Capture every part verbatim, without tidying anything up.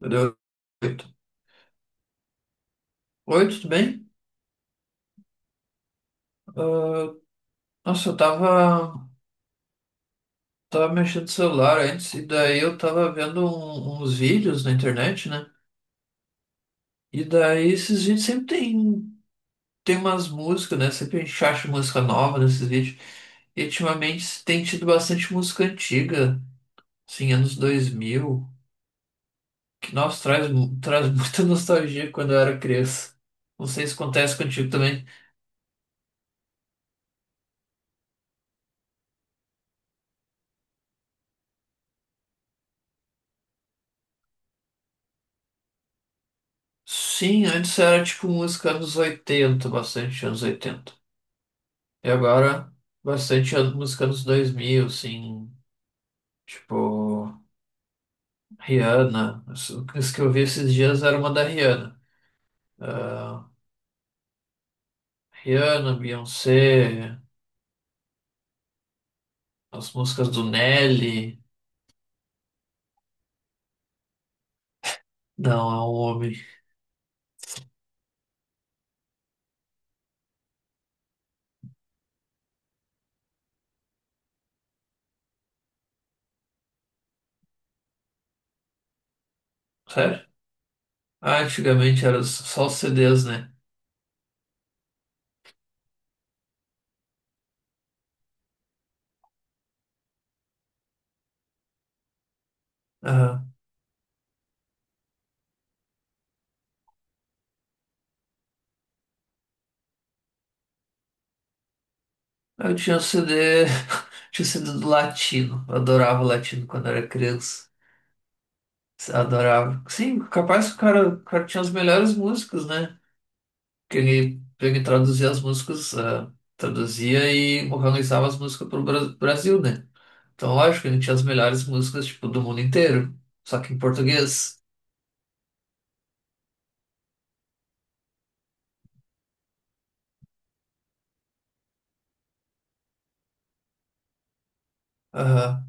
Deu oito. Oi, tudo bem? Ah, nossa, eu tava, tava mexendo no celular antes, e daí eu tava vendo um- uns vídeos na internet, né? E daí esses vídeos sempre tem, tem umas músicas, né? Sempre a gente acha música nova nesses vídeos. E ultimamente tem tido bastante música antiga, assim, anos dois mil, que, nossa, traz, mu- traz muita nostalgia quando eu era criança. Não sei se acontece contigo também. Sim, antes era tipo música anos oitenta, bastante anos oitenta. E agora, bastante a- música dos dois mil assim, tipo, Rihanna. Isso isso que eu vi esses dias era uma da Rihanna. Ah, Rihanna, Beyoncé, as músicas do Nelly. Não, é um homem. Sério? Ah, antigamente era só os C Ds, né? Aham. Eu tinha o C D, tinha o C D do latino. Eu adorava o latino quando era criança. Adorava. Sim, capaz que o cara, o cara tinha as melhores músicas, né? Que ele, ele traduzia as músicas, ah, traduzia e organizava as músicas para o Brasil, né? Então, lógico, ele tinha as melhores músicas, tipo, do mundo inteiro, só que em português. Aham,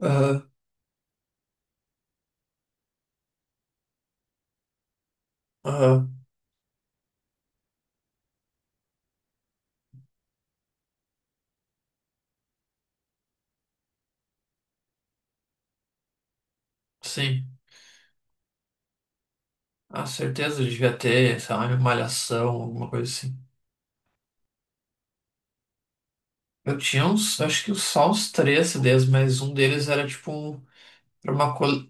aham, aham, sim. Ah, certeza, ele devia ter, sei lá, malhação, alguma coisa assim. Eu tinha uns, acho que só uns três C Ds, mas um deles era tipo um, era uma, col-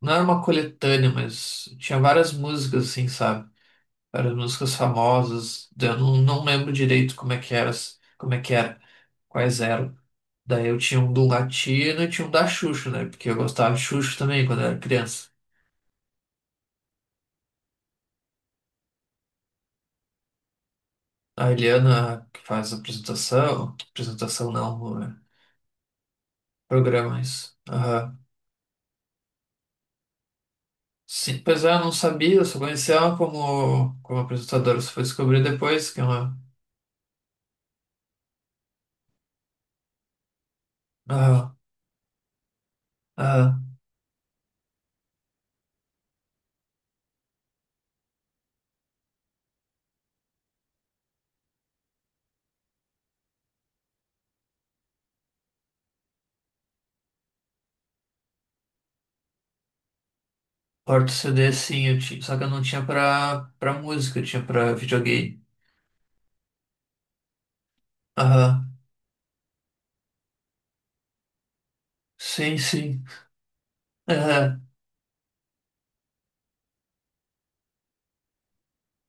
não era uma coletânea, mas tinha várias músicas, assim, sabe? Várias músicas famosas. Eu não, não lembro direito como é que era, como é que era, quais eram. Daí eu tinha um do Latino e tinha um da Xuxa, né? Porque eu gostava de Xuxa também quando era criança. A Eliana, que faz a apresentação, apresentação não, é, programas. Aham. Sim, pois é, eu não sabia, eu só conhecia ela como, como apresentadora, só fui descobrir depois que é uma. Aham, aham. Porta C D sim, eu tinha, só que eu não tinha pra, pra música, eu tinha pra videogame. Aham, sim, sim. É,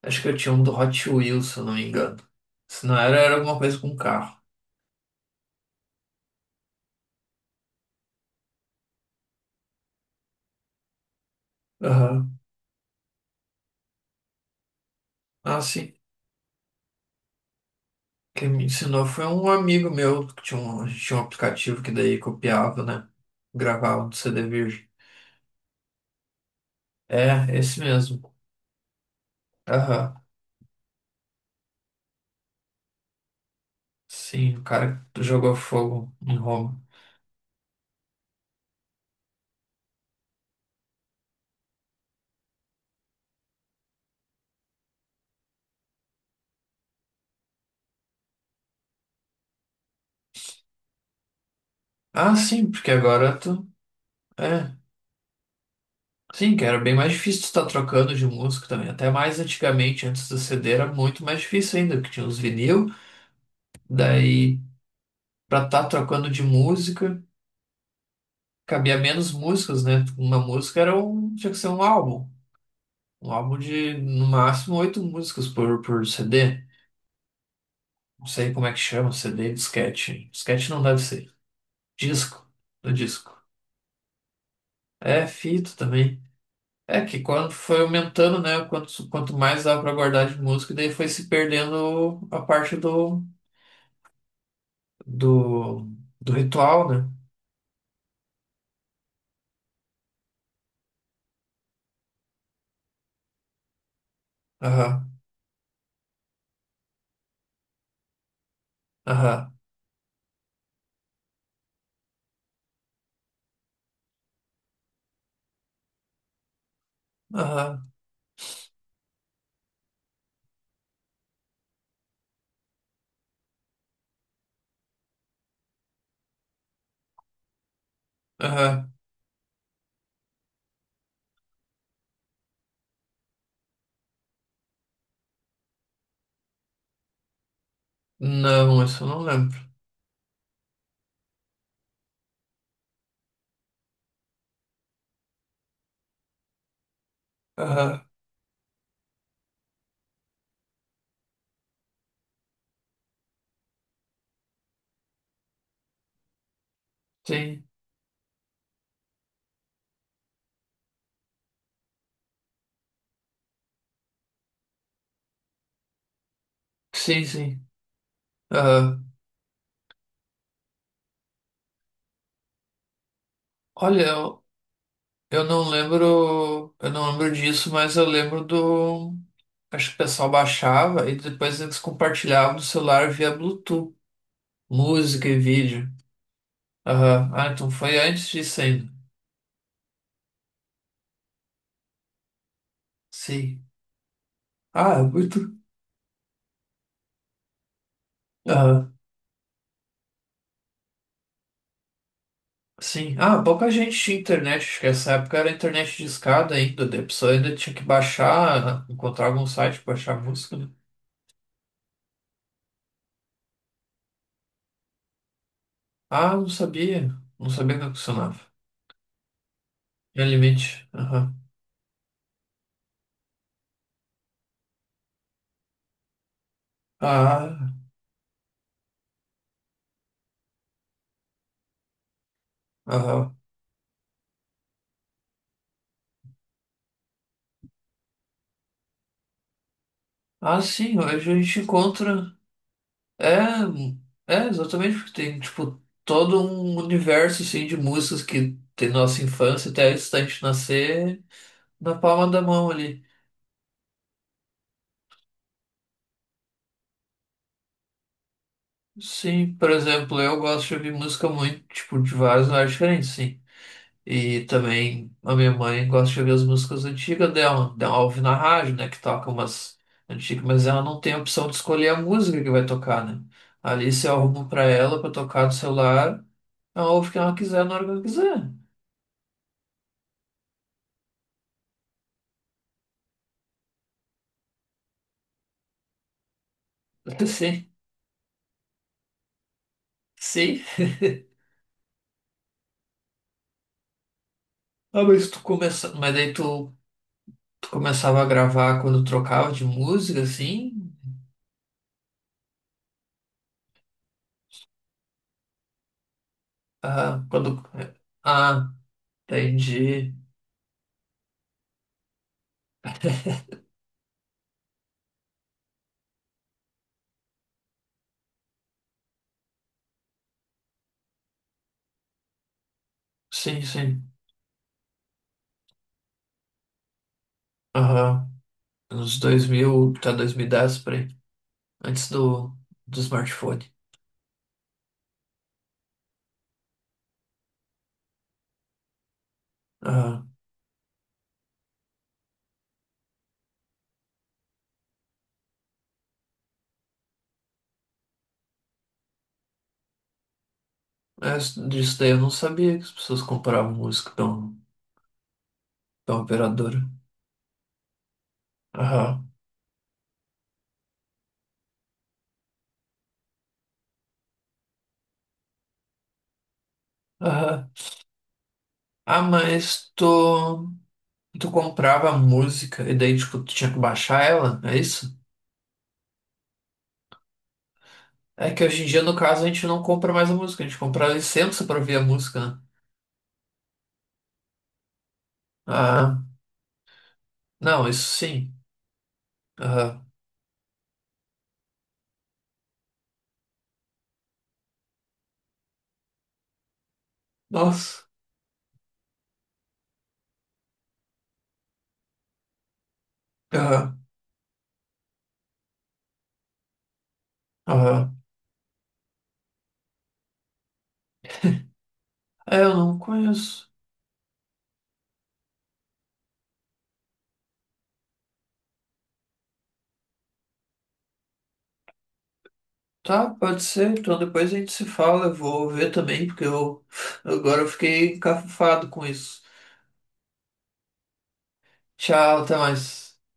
acho que eu tinha um do Hot Wheels, se eu não me engano. Se não era, era alguma coisa com carro. Aham. Ah, sim. Quem me ensinou foi um amigo meu que tinha um, a gente tinha um aplicativo que daí copiava, né? Gravava no C D virgem. É, esse mesmo. Aham. Sim, o cara que jogou fogo em Roma. Ah, sim, porque agora tu. É. Sim, que era bem mais difícil tu estar trocando de música também. Até mais antigamente, antes do C D, era muito mais difícil ainda, porque tinha os vinil. Daí pra estar trocando de música, cabia menos músicas, né? Uma música era um, tinha que ser um álbum. Um álbum de, no máximo, oito músicas por, por C D. Não sei como é que chama, C D, disquete. Disquete não deve ser. Disco, no disco. É, fita também. É que quando foi aumentando, né? Quanto, quanto mais dava pra guardar de música, daí foi se perdendo a parte do, do, do ritual, né? Aham, aham, aham, aham. Não, isso eu não lembro. Aham. Sim, sim, sim. Ah, olha, eu, eu não lembro, eu não lembro disso, mas eu lembro do, acho que o pessoal baixava e depois eles compartilhavam no celular via Bluetooth, música e vídeo. Aham. Ah, então foi antes disso ainda. Sim. Ah, é muito. Aham. Sim. Ah, pouca gente tinha internet, acho que essa época era internet de escada ainda, daí a pessoa ainda tinha que baixar, encontrar algum site para baixar música, né? Ah, não sabia, não sabia que funcionava. Realmente. Ah, aham. Ah, sim, hoje a gente encontra. É, é exatamente porque tem, tipo, todo um universo assim, de músicas que tem nossa infância até antes gente nascer na palma da mão ali. Sim, por exemplo, eu gosto de ouvir música muito, tipo, de vários lugares diferentes, sim. E também a minha mãe gosta de ouvir as músicas antigas dela. Ela ouve na rádio, né? Que toca umas antigas, mas ela não tem a opção de escolher a música que vai tocar, né? Ali se eu arrumo pra ela pra tocar no celular, ela ouve o que ela quiser na hora que ela quiser. Sim, sim. Ah, mas tu começa... Mas daí tu, tu começava a gravar quando trocava de música, assim? Ah, quando... Ah, entendi. Sim, sim. Aham. Nos dois mil tá dois mil e dez por aí. Antes do, do smartphone. Ah, essa- disso daí eu não sabia que as pessoas compravam música da um- da operadora. Aham, aham. Ah, mas tu, tu comprava música e daí, tipo, tu tinha que baixar ela, é isso? É que hoje em dia, no caso, a gente não compra mais a música, a gente compra a licença pra ouvir a música, né? Ah, não, isso sim. Aham. Nossa. Aham, aham. É, eu não conheço. Tá, pode ser. Então depois a gente se fala. Eu vou ver também, porque eu agora eu fiquei encafufado com isso. Tchau, até mais.